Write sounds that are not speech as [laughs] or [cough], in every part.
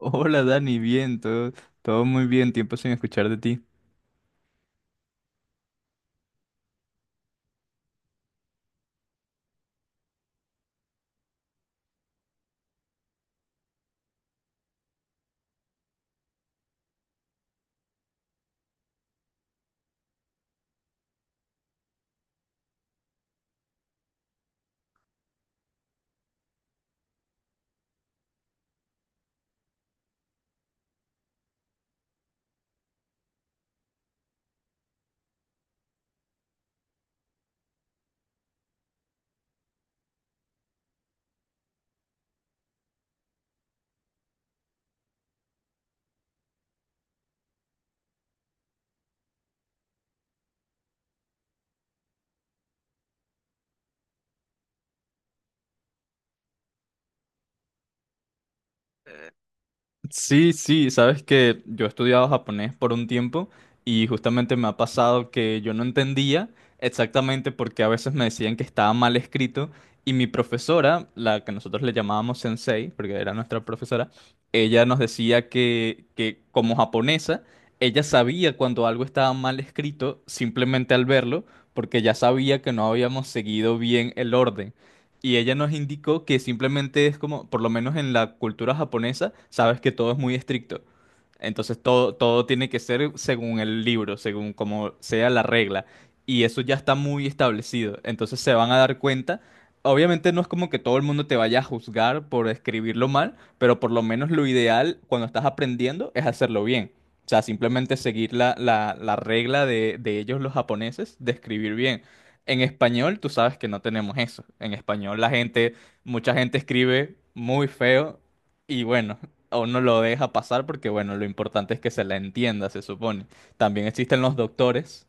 Hola Dani, bien, todo, todo muy bien, tiempo sin escuchar de ti. Sí, sí, sabes que yo he estudiado japonés por un tiempo y justamente me ha pasado que yo no entendía exactamente porque a veces me decían que estaba mal escrito y mi profesora, la que nosotros le llamábamos sensei, porque era nuestra profesora, ella nos decía que como japonesa, ella sabía cuando algo estaba mal escrito simplemente al verlo porque ya sabía que no habíamos seguido bien el orden. Y ella nos indicó que simplemente es como, por lo menos en la cultura japonesa, sabes que todo es muy estricto. Entonces todo, todo tiene que ser según el libro, según como sea la regla. Y eso ya está muy establecido. Entonces se van a dar cuenta. Obviamente no es como que todo el mundo te vaya a juzgar por escribirlo mal, pero por lo menos lo ideal cuando estás aprendiendo es hacerlo bien. O sea, simplemente seguir la regla de ellos los japoneses de escribir bien. En español, tú sabes que no tenemos eso. En español, la gente, mucha gente escribe muy feo y bueno, a uno lo deja pasar porque bueno, lo importante es que se la entienda, se supone. También existen los doctores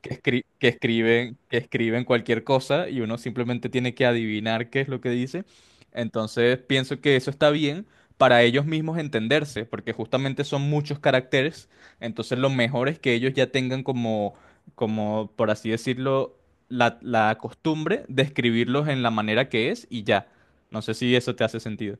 que escriben cualquier cosa y uno simplemente tiene que adivinar qué es lo que dice. Entonces pienso que eso está bien para ellos mismos entenderse, porque justamente son muchos caracteres. Entonces lo mejor es que ellos ya tengan como, como por así decirlo, la costumbre de escribirlos en la manera que es y ya. No sé si eso te hace sentido.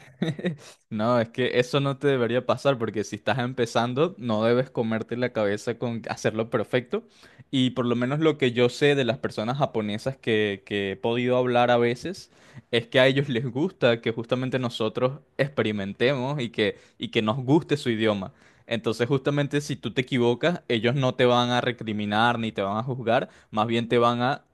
[laughs] No, es que eso no te debería pasar porque si estás empezando no debes comerte la cabeza con hacerlo perfecto. Y por lo menos lo que yo sé de las personas japonesas que he podido hablar a veces es que a ellos les gusta que justamente nosotros experimentemos y que nos guste su idioma. Entonces justamente si tú te equivocas, ellos no te van a recriminar ni te van a juzgar, más bien te van a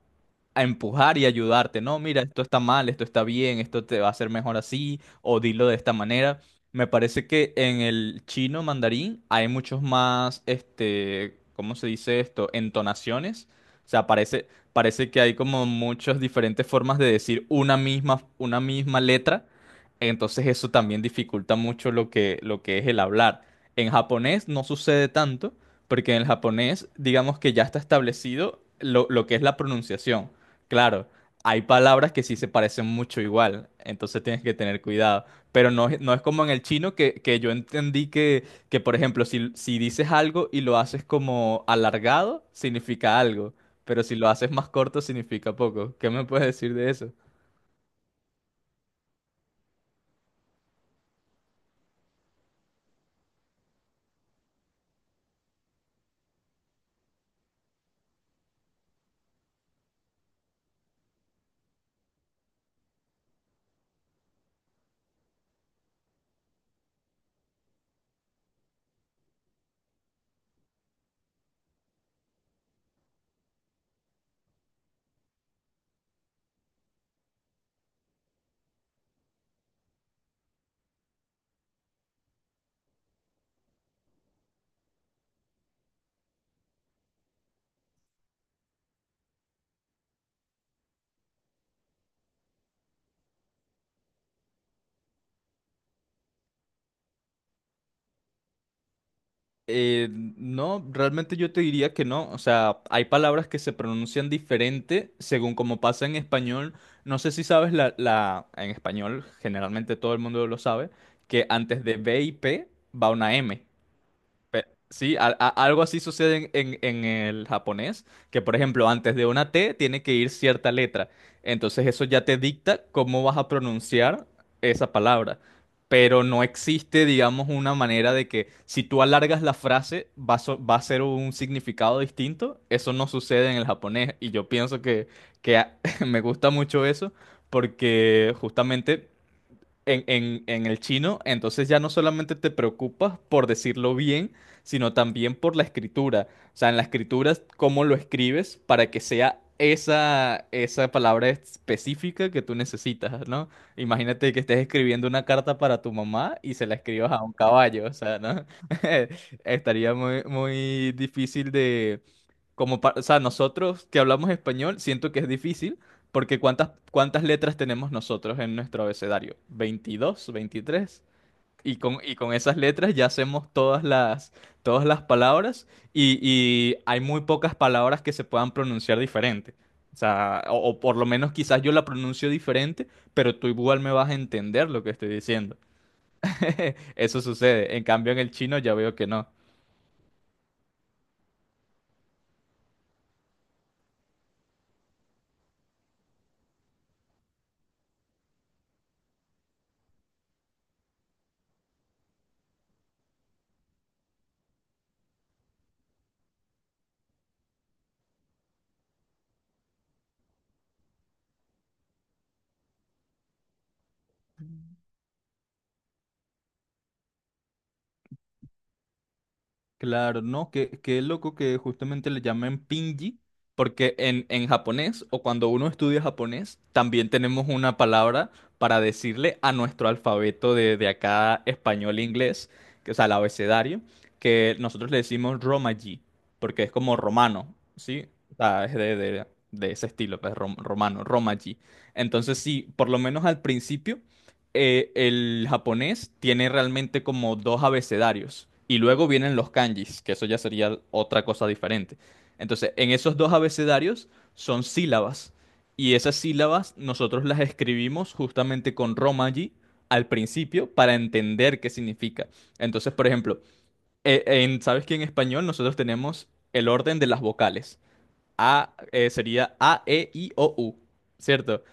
a empujar y ayudarte, no, mira, esto está mal, esto está bien, esto te va a hacer mejor así, o dilo de esta manera. Me parece que en el chino mandarín hay muchos más, este, ¿cómo se dice esto? Entonaciones. O sea, parece, parece que hay como muchas diferentes formas de decir una misma letra. Entonces eso también dificulta mucho lo que es el hablar. En japonés no sucede tanto, porque en el japonés, digamos que ya está establecido lo que es la pronunciación. Claro, hay palabras que sí se parecen mucho igual, entonces tienes que tener cuidado. Pero no, no es como en el chino que yo entendí que por ejemplo, si dices algo y lo haces como alargado, significa algo, pero si lo haces más corto, significa poco. ¿Qué me puedes decir de eso? No, realmente yo te diría que no. O sea, hay palabras que se pronuncian diferente según como pasa en español. No sé si sabes en español, generalmente todo el mundo lo sabe, que antes de B y P va una M. Pe- Sí, algo así sucede en, en el japonés, que por ejemplo antes de una T tiene que ir cierta letra. Entonces eso ya te dicta cómo vas a pronunciar esa palabra. Pero no existe, digamos, una manera de que si tú alargas la frase va a, va a ser un significado distinto. Eso no sucede en el japonés. Y yo pienso que, que a- [laughs] me gusta mucho eso porque justamente en, en el chino, entonces ya no solamente te preocupas por decirlo bien, sino también por la escritura. O sea, en la escritura, cómo lo escribes para que sea esa, esa palabra específica que tú necesitas, ¿no? Imagínate que estés escribiendo una carta para tu mamá y se la escribas a un caballo, o sea, ¿no? [laughs] Estaría muy, muy difícil como o sea, nosotros que hablamos español, siento que es difícil porque ¿cuántas, cuántas letras tenemos nosotros en nuestro abecedario? ¿22, 23? Y con esas letras ya hacemos todas las palabras y hay muy pocas palabras que se puedan pronunciar diferente. O sea, o por lo menos quizás yo la pronuncio diferente, pero tú igual me vas a entender lo que estoy diciendo. [laughs] Eso sucede. En cambio, en el chino ya veo que no. Claro, no, que qué loco que justamente le llamen pinji, porque en japonés o cuando uno estudia japonés, también tenemos una palabra para decirle a nuestro alfabeto de acá español e inglés, que, o sea, el abecedario, que nosotros le decimos romaji, porque es como romano, ¿sí? O sea, es de, de ese estilo, pues romano, romaji. Entonces, sí, por lo menos al principio el japonés tiene realmente como dos abecedarios y luego vienen los kanjis, que eso ya sería otra cosa diferente. Entonces, en esos dos abecedarios son sílabas y esas sílabas nosotros las escribimos justamente con romaji al principio para entender qué significa. Entonces, por ejemplo, ¿sabes que en español nosotros tenemos el orden de las vocales? A Sería A, E, I, O, U, ¿cierto?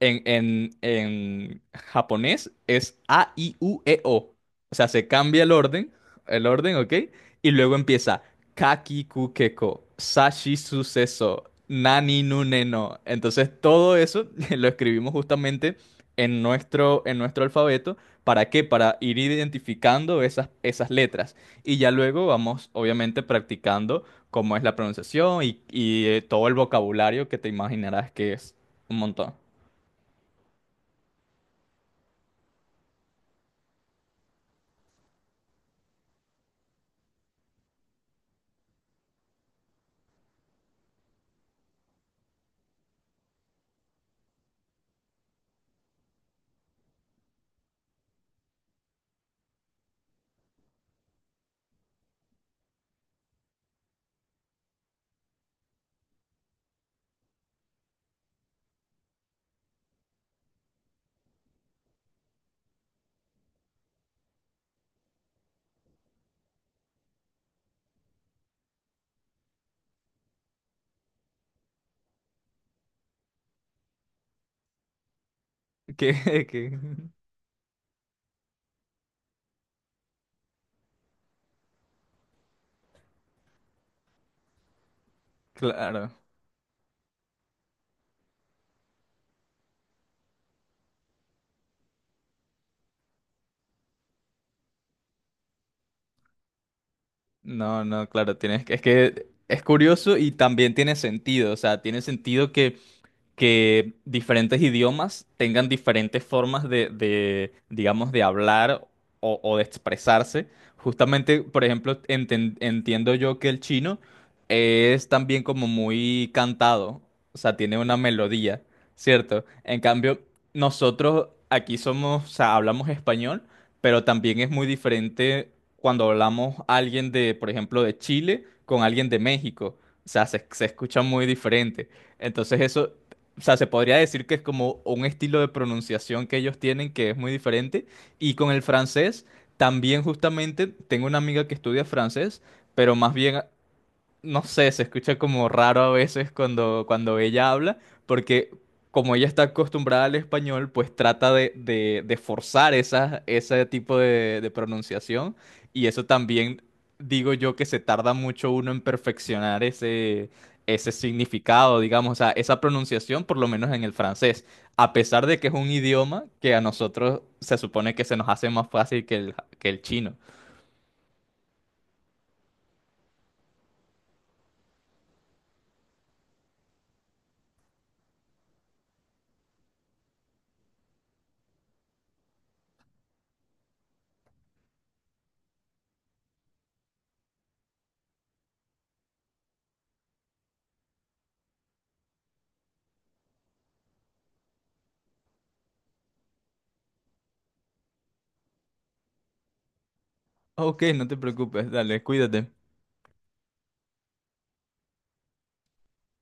En japonés es A, I, U, E, O. O sea, se cambia el orden, ¿ok? Y luego empieza Kaki, ku, keko, Sashi, suceso, Nani, nu, ne, no. Entonces, todo eso [laughs] lo escribimos justamente en nuestro alfabeto. ¿Para qué? Para ir identificando esas, esas letras. Y ya luego vamos, obviamente, practicando cómo es la pronunciación y, todo el vocabulario que te imaginarás que es un montón. [laughs] Que, que- claro. No, no, claro, tienes que es curioso y también tiene sentido, o sea, tiene sentido que diferentes idiomas tengan diferentes formas de, digamos, de hablar o de expresarse. Justamente, por ejemplo, entiendo yo que el chino es también como muy cantado, o sea, tiene una melodía, ¿cierto? En cambio, nosotros aquí somos, o sea, hablamos español, pero también es muy diferente cuando hablamos alguien de, por ejemplo, de Chile con alguien de México. O sea, se escucha muy diferente. Entonces eso, o sea, se podría decir que es como un estilo de pronunciación que ellos tienen que es muy diferente. Y con el francés, también justamente tengo una amiga que estudia francés, pero más bien no sé, se escucha como raro a veces cuando, cuando ella habla, porque como ella está acostumbrada al español, pues trata de, de forzar esa, ese tipo de pronunciación y eso también digo yo que se tarda mucho uno en perfeccionar ese, ese significado, digamos, o sea, esa pronunciación, por lo menos en el francés, a pesar de que es un idioma que a nosotros se supone que se nos hace más fácil que el chino. Ok, no te preocupes, dale, cuídate.